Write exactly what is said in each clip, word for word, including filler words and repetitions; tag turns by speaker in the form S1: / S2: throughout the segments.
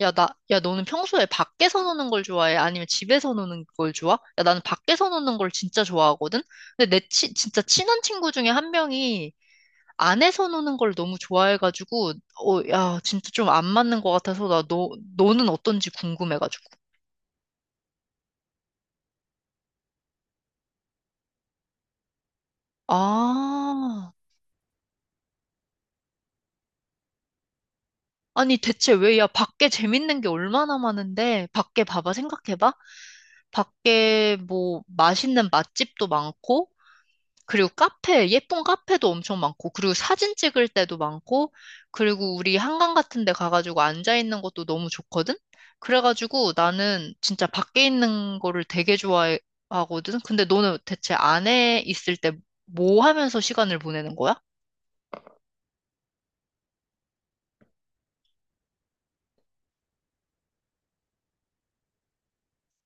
S1: 야, 나, 야, 너는 평소에 밖에서 노는 걸 좋아해? 아니면 집에서 노는 걸 좋아? 야, 나는 밖에서 노는 걸 진짜 좋아하거든? 근데 내 치, 진짜 친한 친구 중에 한 명이 안에서 노는 걸 너무 좋아해가지고, 어, 야, 진짜 좀 안 맞는 것 같아서 나 너, 너는 어떤지 궁금해가지고. 아, 아니 대체 왜, 야, 밖에 재밌는 게 얼마나 많은데, 밖에 봐봐, 생각해봐. 밖에 뭐 맛있는 맛집도 많고, 그리고 카페, 예쁜 카페도 엄청 많고, 그리고 사진 찍을 때도 많고, 그리고 우리 한강 같은 데 가가지고 앉아있는 것도 너무 좋거든? 그래가지고 나는 진짜 밖에 있는 거를 되게 좋아하거든? 근데 너는 대체 안에 있을 때 뭐 하면서 시간을 보내는 거야?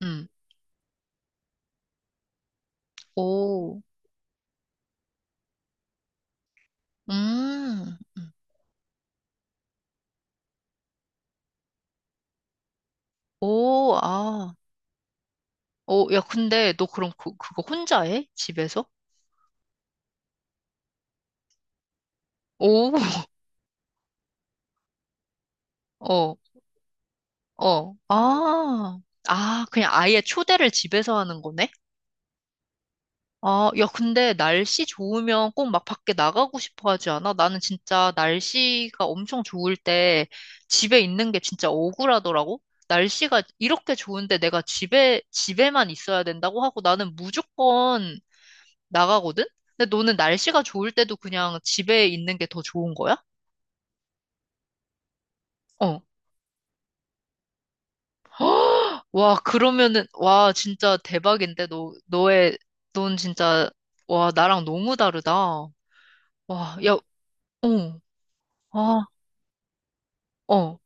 S1: 음. 오, 음, 음. 오, 아. 오, 야, 근데 너 그럼 그, 그거 혼자 해? 집에서? 오, 어. 어, 아, 아, 그냥 아예 초대를 집에서 하는 거네? 아, 야, 근데 날씨 좋으면 꼭 막 밖에 나가고 싶어 하지 않아? 나는 진짜 날씨가 엄청 좋을 때 집에 있는 게 진짜 억울하더라고? 날씨가 이렇게 좋은데 내가 집에, 집에만 있어야 된다고 하고 나는 무조건 나가거든? 근데 너는 날씨가 좋을 때도 그냥 집에 있는 게 더 좋은 거야? 어. 와, 그러면은, 와, 진짜 대박인데, 너, 너의, 넌 진짜, 와, 나랑 너무 다르다. 와, 야, 어, 아, 어.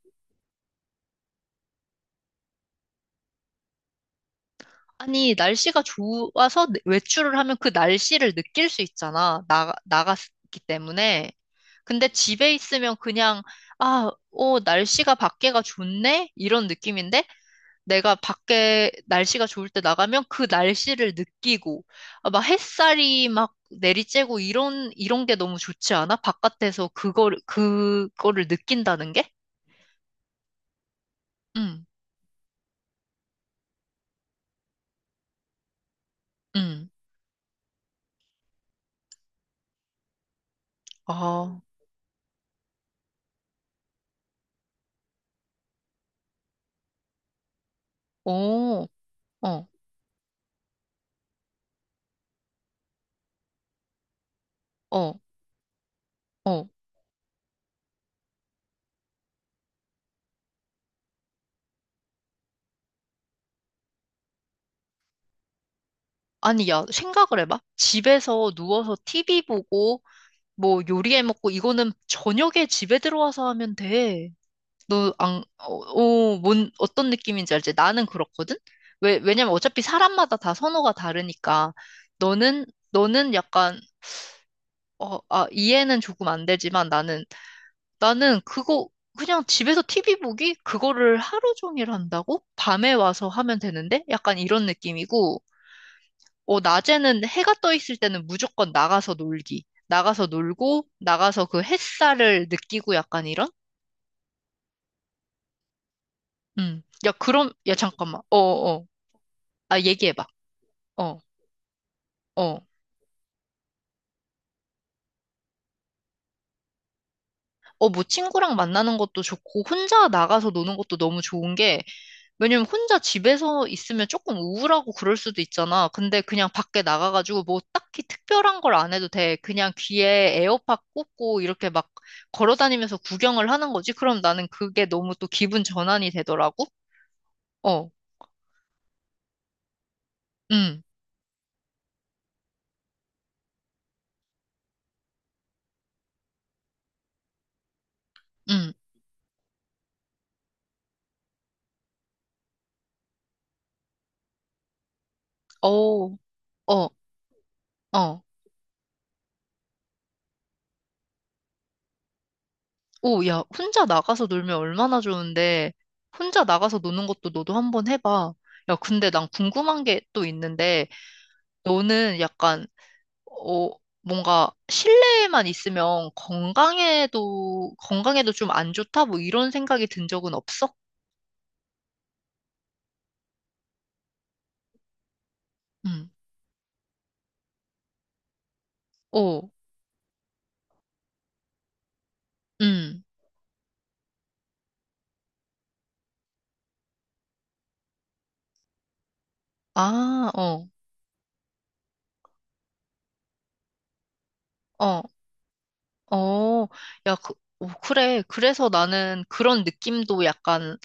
S1: 아니, 날씨가 좋아서 외출을 하면 그 날씨를 느낄 수 있잖아. 나, 나갔기 때문에. 근데 집에 있으면 그냥, 아, 어, 날씨가 밖에가 좋네? 이런 느낌인데, 내가 밖에 날씨가 좋을 때 나가면 그 날씨를 느끼고, 아, 막 햇살이 막 내리쬐고 이런, 이런 게 너무 좋지 않아? 바깥에서 그걸, 그거를 느낀다는 게? 응, 응. 아, 오, 어, 어, 어. 아니, 야, 생각을 해봐. 집에서 누워서 티비 보고, 뭐 요리해 먹고, 이거는 저녁에 집에 들어와서 하면 돼. 너 안, 어, 어, 뭔, 어떤 느낌인지 알지? 나는 그렇거든? 왜, 왜냐면 어차피 사람마다 다 선호가 다르니까, 너는, 너는 약간, 어, 아, 이해는 조금 안 되지만 나는, 나는 그거, 그냥 집에서 티비 보기? 그거를 하루 종일 한다고? 밤에 와서 하면 되는데? 약간 이런 느낌이고, 어, 낮에는 해가 떠 있을 때는 무조건 나가서 놀기. 나가서 놀고, 나가서 그 햇살을 느끼고 약간 이런? 음. 야, 그럼, 야, 잠깐만. 어어. 아, 얘기해봐. 어, 어. 어, 뭐 친구랑 만나는 것도 좋고, 혼자 나가서 노는 것도 너무 좋은 게, 왜냐면 혼자 집에서 있으면 조금 우울하고 그럴 수도 있잖아. 근데 그냥 밖에 나가가지고 뭐 딱히 특별한 걸 안 해도 돼. 그냥 귀에 에어팟 꽂고 이렇게 막 걸어 다니면서 구경을 하는 거지. 그럼 나는 그게 너무 또 기분 전환이 되더라고. 어, 음, 음, 어, 어, 어. 오, 야, 혼자 나가서 놀면 얼마나 좋은데, 혼자 나가서 노는 것도 너도 한번 해봐. 야, 근데 난 궁금한 게 또 있는데, 너는 약간, 어, 뭔가 실내에만 있으면 건강에도, 건강에도 좀 안 좋다? 뭐 이런 생각이 든 적은 없어? 응, 오, 응, 아, 어, 어, 어, 야, 그, 오, 그래. 그래서 나는 그런 느낌도 약간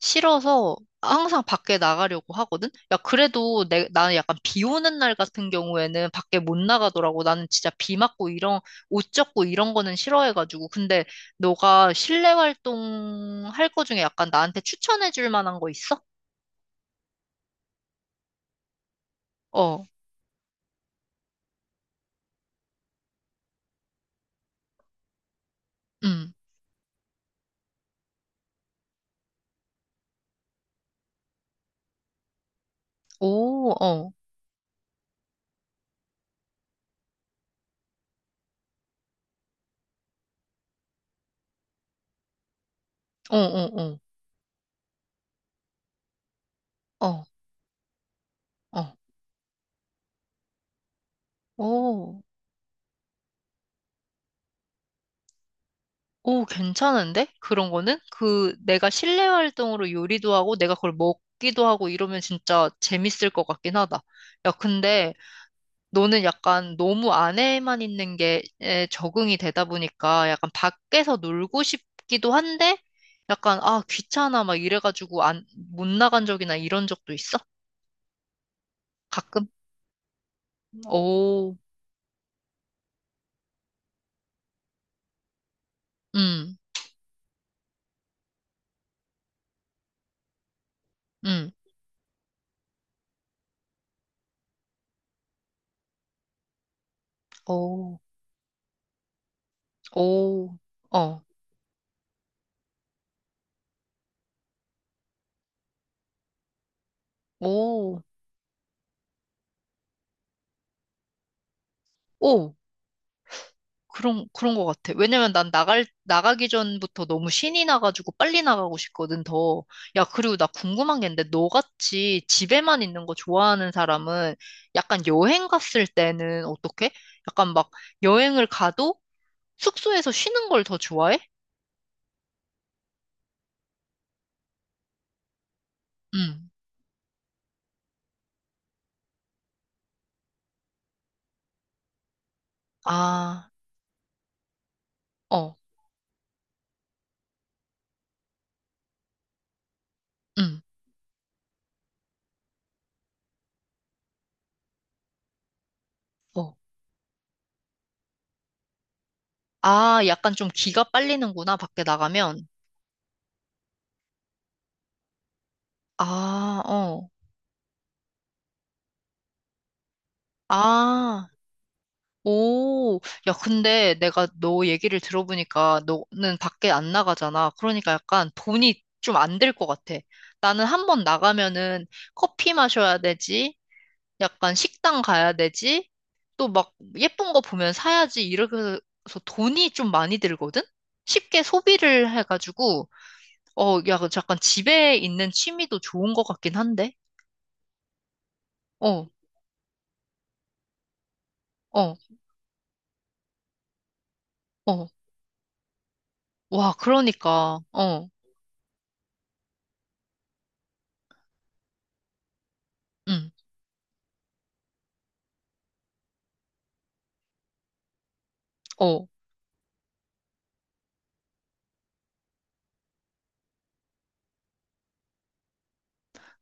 S1: 싫어서 항상 밖에 나가려고 하거든? 야, 그래도 내, 나는 약간 비 오는 날 같은 경우에는 밖에 못 나가더라고. 나는 진짜 비 맞고 이런, 옷 젖고 이런 거는 싫어해가지고. 근데 너가 실내 활동 할 거 중에 약간 나한테 추천해 줄 만한 거 있어? 어, 음. 오, 어, 어, 어, 어, 어, 어, 오. 오, 괜찮은데? 그런 거는? 그 내가 실내 활동으로 요리도 하고 내가 그걸 먹기도 하고 이러면 진짜 재밌을 것 같긴 하다. 야, 근데 너는 약간 너무 안에만 있는 게 에, 적응이 되다 보니까 약간 밖에서 놀고 싶기도 한데 약간 아, 귀찮아 막 이래가지고 안, 못 나간 적이나 이런 적도 있어? 가끔? 오, 음, 음, 오, 오, 어, 오, 오. 그런, 그런 것 같아. 왜냐면 난 나갈, 나가기 전부터 너무 신이 나가지고 빨리 나가고 싶거든, 더. 야, 그리고 나 궁금한 게 있는데, 너같이 집에만 있는 거 좋아하는 사람은 약간 여행 갔을 때는 어떻게? 약간 막 여행을 가도 숙소에서 쉬는 걸 더 좋아해? 응. 아, 어, 응. 어. 아, 약간 좀 기가 빨리는구나, 밖에 나가면. 아, 어. 아. 오, 야, 근데 내가 너 얘기를 들어보니까 너는 밖에 안 나가잖아. 그러니까 약간 돈이 좀 안 들 것 같아. 나는 한번 나가면은 커피 마셔야 되지, 약간 식당 가야 되지, 또 막 예쁜 거 보면 사야지, 이렇게 해서 돈이 좀 많이 들거든? 쉽게 소비를 해가지고, 어, 야, 그 잠깐 집에 있는 취미도 좋은 것 같긴 한데? 어, 어, 어. 와, 그러니까, 어, 응, 어.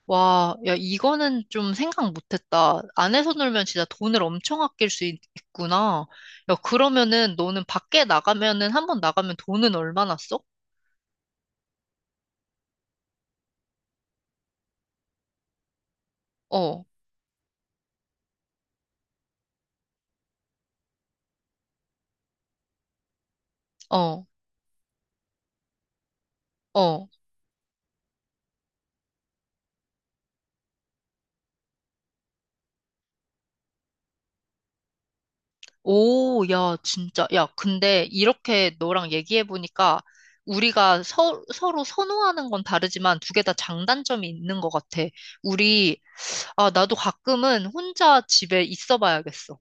S1: 와, 야, 이거는 좀 생각 못했다. 안에서 놀면 진짜 돈을 엄청 아낄 수 있- 있구나. 야, 그러면은 너는 밖에 나가면은 한 번 나가면 돈은 얼마나 써? 어, 어, 어. 오, 야, 진짜. 야, 근데 이렇게 너랑 얘기해보니까 우리가 서, 서로 선호하는 건 다르지만 두 개 다 장단점이 있는 것 같아. 우리, 아, 나도 가끔은 혼자 집에 있어 봐야겠어.